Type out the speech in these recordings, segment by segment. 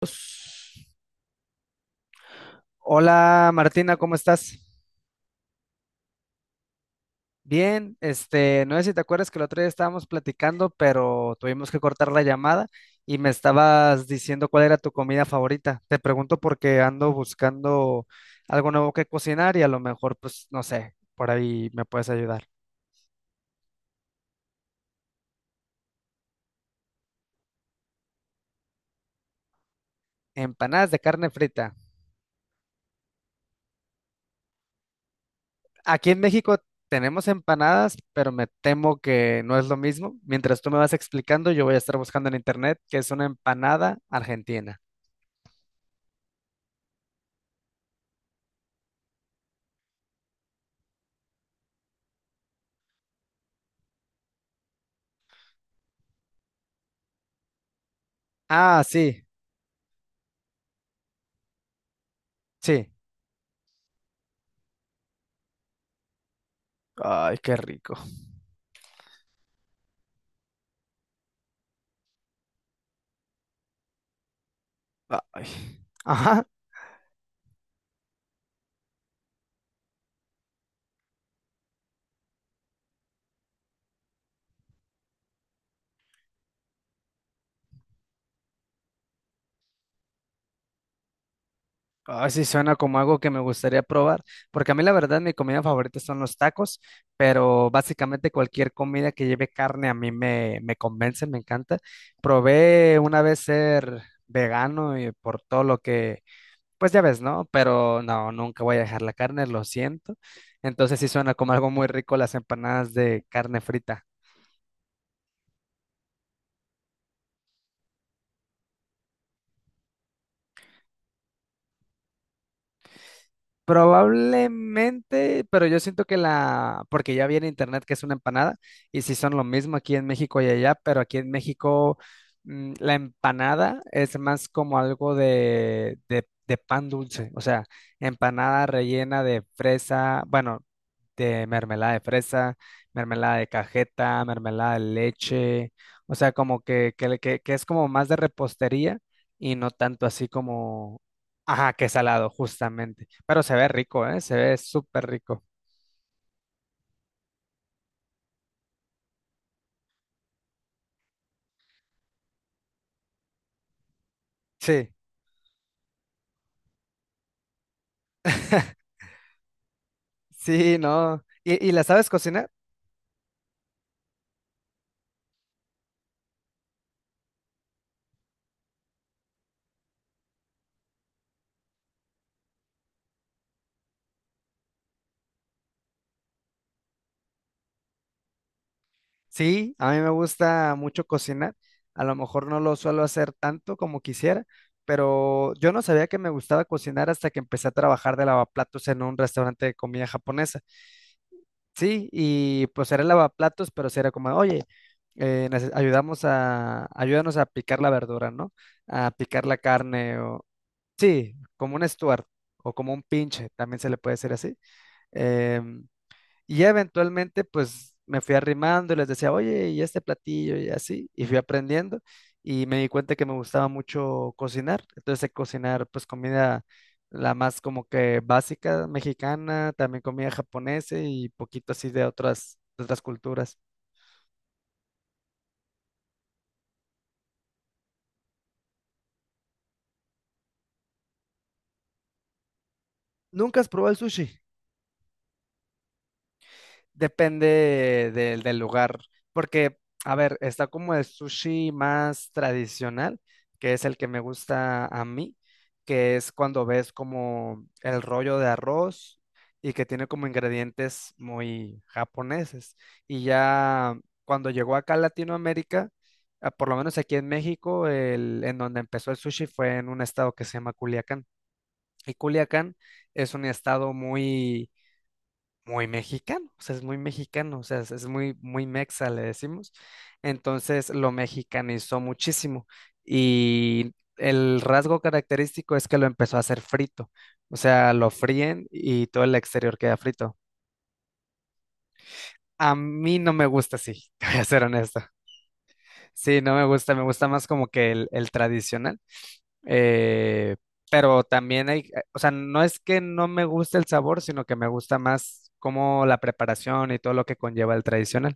Pues, hola Martina, ¿cómo estás? Bien, no sé si te acuerdas que el otro día estábamos platicando, pero tuvimos que cortar la llamada y me estabas diciendo cuál era tu comida favorita. Te pregunto porque ando buscando algo nuevo que cocinar y a lo mejor, pues, no sé, por ahí me puedes ayudar. Empanadas de carne frita. Aquí en México tenemos empanadas, pero me temo que no es lo mismo. Mientras tú me vas explicando, yo voy a estar buscando en internet qué es una empanada argentina. Ah, sí, sí. Ay, qué rico. Ay, ajá. Ay sí, suena como algo que me gustaría probar, porque a mí la verdad mi comida favorita son los tacos, pero básicamente cualquier comida que lleve carne a mí me convence, me encanta. Probé una vez ser vegano y por todo lo que, pues ya ves, ¿no? Pero no, nunca voy a dejar la carne, lo siento. Entonces sí suena como algo muy rico las empanadas de carne frita. Probablemente, pero yo siento que la, porque ya vi en internet que es una empanada, y si son lo mismo aquí en México y allá, pero aquí en México la empanada es más como algo de pan dulce, o sea, empanada rellena de fresa, bueno, de mermelada de fresa, mermelada de cajeta, mermelada de leche, o sea, como que es como más de repostería y no tanto así como ajá, que salado, justamente. Pero se ve rico, ¿eh? Se ve súper rico. Sí. Sí, no. Y la sabes cocinar? Sí, a mí me gusta mucho cocinar. A lo mejor no lo suelo hacer tanto como quisiera, pero yo no sabía que me gustaba cocinar hasta que empecé a trabajar de lavaplatos en un restaurante de comida japonesa. Sí, y pues era lavaplatos, pero sí era como, oye, ayudamos a, ayúdanos a picar la verdura, ¿no? A picar la carne o sí, como un Stuart o como un pinche, también se le puede decir así. Em, y ya eventualmente, pues me fui arrimando y les decía, oye, y este platillo y así, y fui aprendiendo y me di cuenta que me gustaba mucho cocinar. Entonces, sé cocinar, pues comida la más como que básica mexicana, también comida japonesa y poquito así de otras culturas. ¿Nunca has probado el sushi? Depende del lugar, porque, a ver, está como el sushi más tradicional, que es el que me gusta a mí, que es cuando ves como el rollo de arroz y que tiene como ingredientes muy japoneses. Y ya cuando llegó acá a Latinoamérica, ah, por lo menos aquí en México, el, en donde empezó el sushi fue en un estado que se llama Culiacán. Y Culiacán es un estado muy mexicano, o sea, es muy mexicano, o sea, es muy, muy mexa, le decimos. Entonces lo mexicanizó muchísimo y el rasgo característico es que lo empezó a hacer frito, o sea, lo fríen y todo el exterior queda frito. A mí no me gusta así, te voy a ser honesto. Sí, no me gusta, me gusta más como que el tradicional. eh, pero también hay, o sea, no es que no me guste el sabor, sino que me gusta más como la preparación y todo lo que conlleva el tradicional.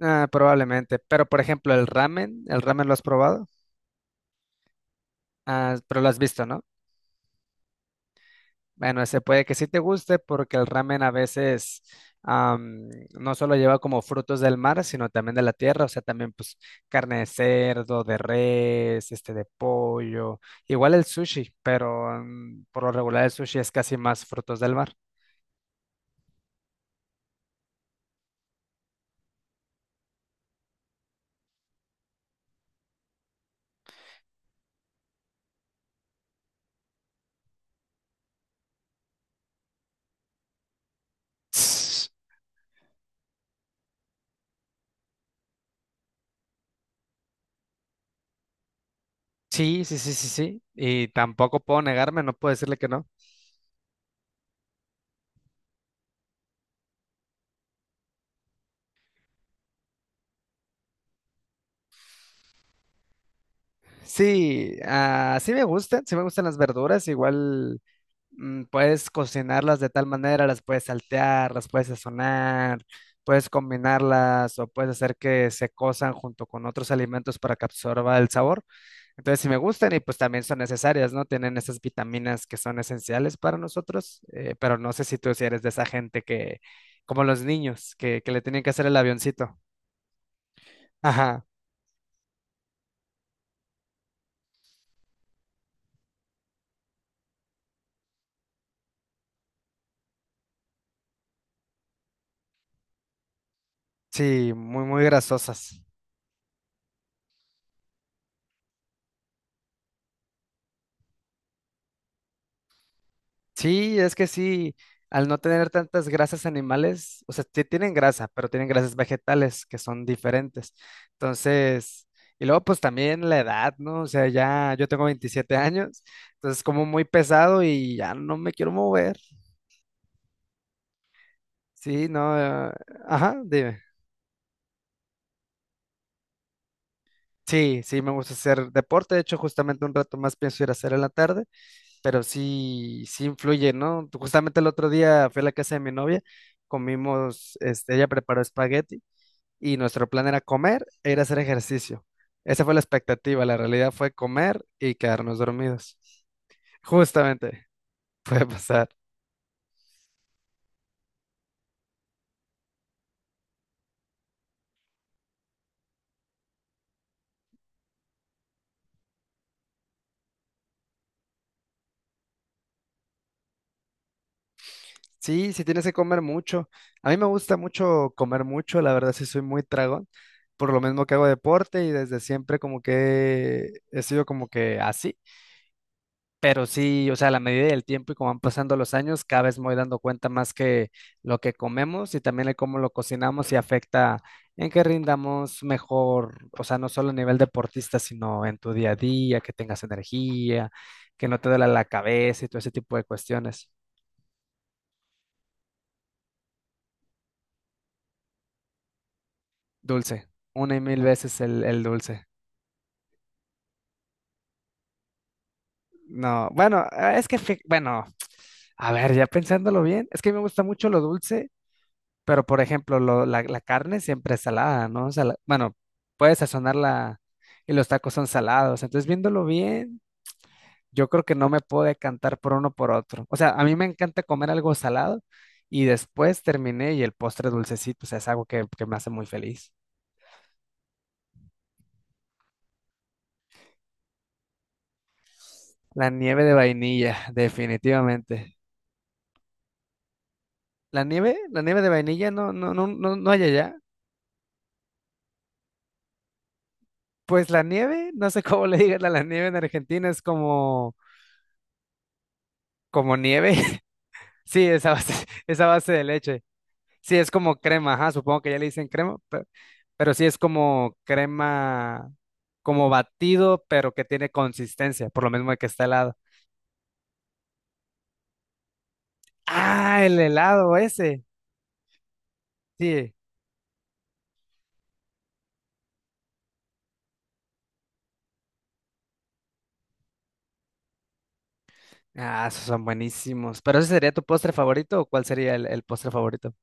Ah, probablemente. Pero, por ejemplo, ¿el ramen lo has probado? Ah, pero lo has visto, ¿no? Bueno, ese puede que sí te guste porque el ramen a veces am, no solo lleva como frutos del mar, sino también de la tierra, o sea, también pues carne de cerdo, de res, este de pollo, igual el sushi, pero por lo regular el sushi es casi más frutos del mar. Sí, sí, sí, sí, sí. Y tampoco puedo negarme, no puedo decirle que no. Sí, ah, sí me gustan las verduras, igual puedes cocinarlas de tal manera, las puedes saltear, las puedes sazonar, puedes combinarlas o puedes hacer que se cozan junto con otros alimentos para que absorba el sabor. Entonces sí me gustan y pues también son necesarias, ¿no? Tienen esas vitaminas que son esenciales para nosotros, pero no sé si tú si eres de esa gente que, como los niños, que le tienen que hacer el avioncito. Ajá, sí, muy, muy grasosas. Sí, es que sí, al no tener tantas grasas animales, o sea, sí tienen grasa, pero tienen grasas vegetales que son diferentes. Entonces, y luego pues también la edad, ¿no? O sea, ya yo tengo 27 años, entonces como muy pesado y ya no me quiero mover. Sí, no, ajá, dime. Sí, sí, me gusta hacer deporte, de hecho justamente un rato más pienso ir a hacer en la tarde, pero sí, sí influye, ¿no? Justamente el otro día fui a la casa de mi novia, comimos, este, ella preparó espagueti. Y nuestro plan era comer e ir a hacer ejercicio. Esa fue la expectativa, la realidad fue comer y quedarnos dormidos. Justamente, puede pasar. Sí, sí tienes que comer mucho. A mí me gusta mucho comer mucho, la verdad sí soy muy tragón, por lo mismo que hago deporte y desde siempre como que he sido como que así. Pero sí, o sea, a la medida del tiempo y como van pasando los años, cada vez me voy dando cuenta más que lo que comemos y también el cómo lo cocinamos y afecta en que rindamos mejor, o sea, no solo a nivel deportista, sino en tu día a día, que tengas energía, que no te duela la cabeza y todo ese tipo de cuestiones. Dulce, una y mil veces el dulce. No, bueno, ah, es que, fi- bueno, a ver, ya pensándolo bien, es que me gusta mucho lo dulce. Pero, por ejemplo, lo- la carne siempre es salada, ¿no? Sala- bueno, puedes sazonarla y los tacos son salados. Entonces, viéndolo bien, yo creo que no me puedo decantar por uno por otro. O sea, a mí me encanta comer algo salado y después terminé y el postre dulcecito, o sea, es algo que me hace muy feliz. La nieve de vainilla, definitivamente. La nieve de vainilla no hay allá. Pues la nieve, no sé cómo le digan a la nieve en Argentina, es como, como nieve. Sí, esa base de leche. Sí, es como crema, ajá, supongo que ya le dicen crema, pero sí es como crema, como batido, pero que tiene consistencia, por lo mismo de que está helado. Ah, el helado ese, sí. Ah, esos son buenísimos. ¿Pero ese sería tu postre favorito o cuál sería el postre favorito?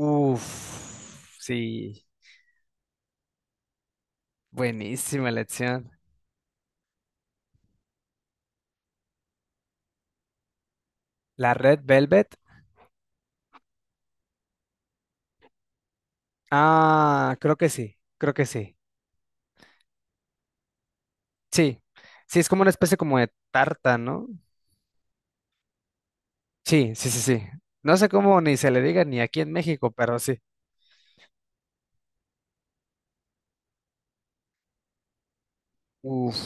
Uf, sí, buenísima elección. ¿La Red Velvet? Ah, creo que sí, creo que sí. Sí, sí, es como una especie como de tarta, ¿no? Sí, sí, sí, sí. No sé cómo ni se le diga ni aquí en México, pero sí. Uf.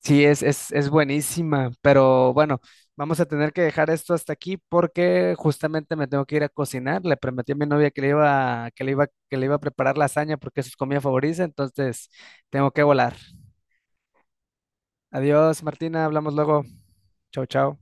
Sí, es buenísima, pero bueno, vamos a tener que dejar esto hasta aquí porque justamente me tengo que ir a cocinar. Le prometí a mi novia que le iba, que le iba, que le iba a preparar lasaña porque es su comida favorita, entonces tengo que volar. Adiós, Martina, hablamos luego. Chao, chao.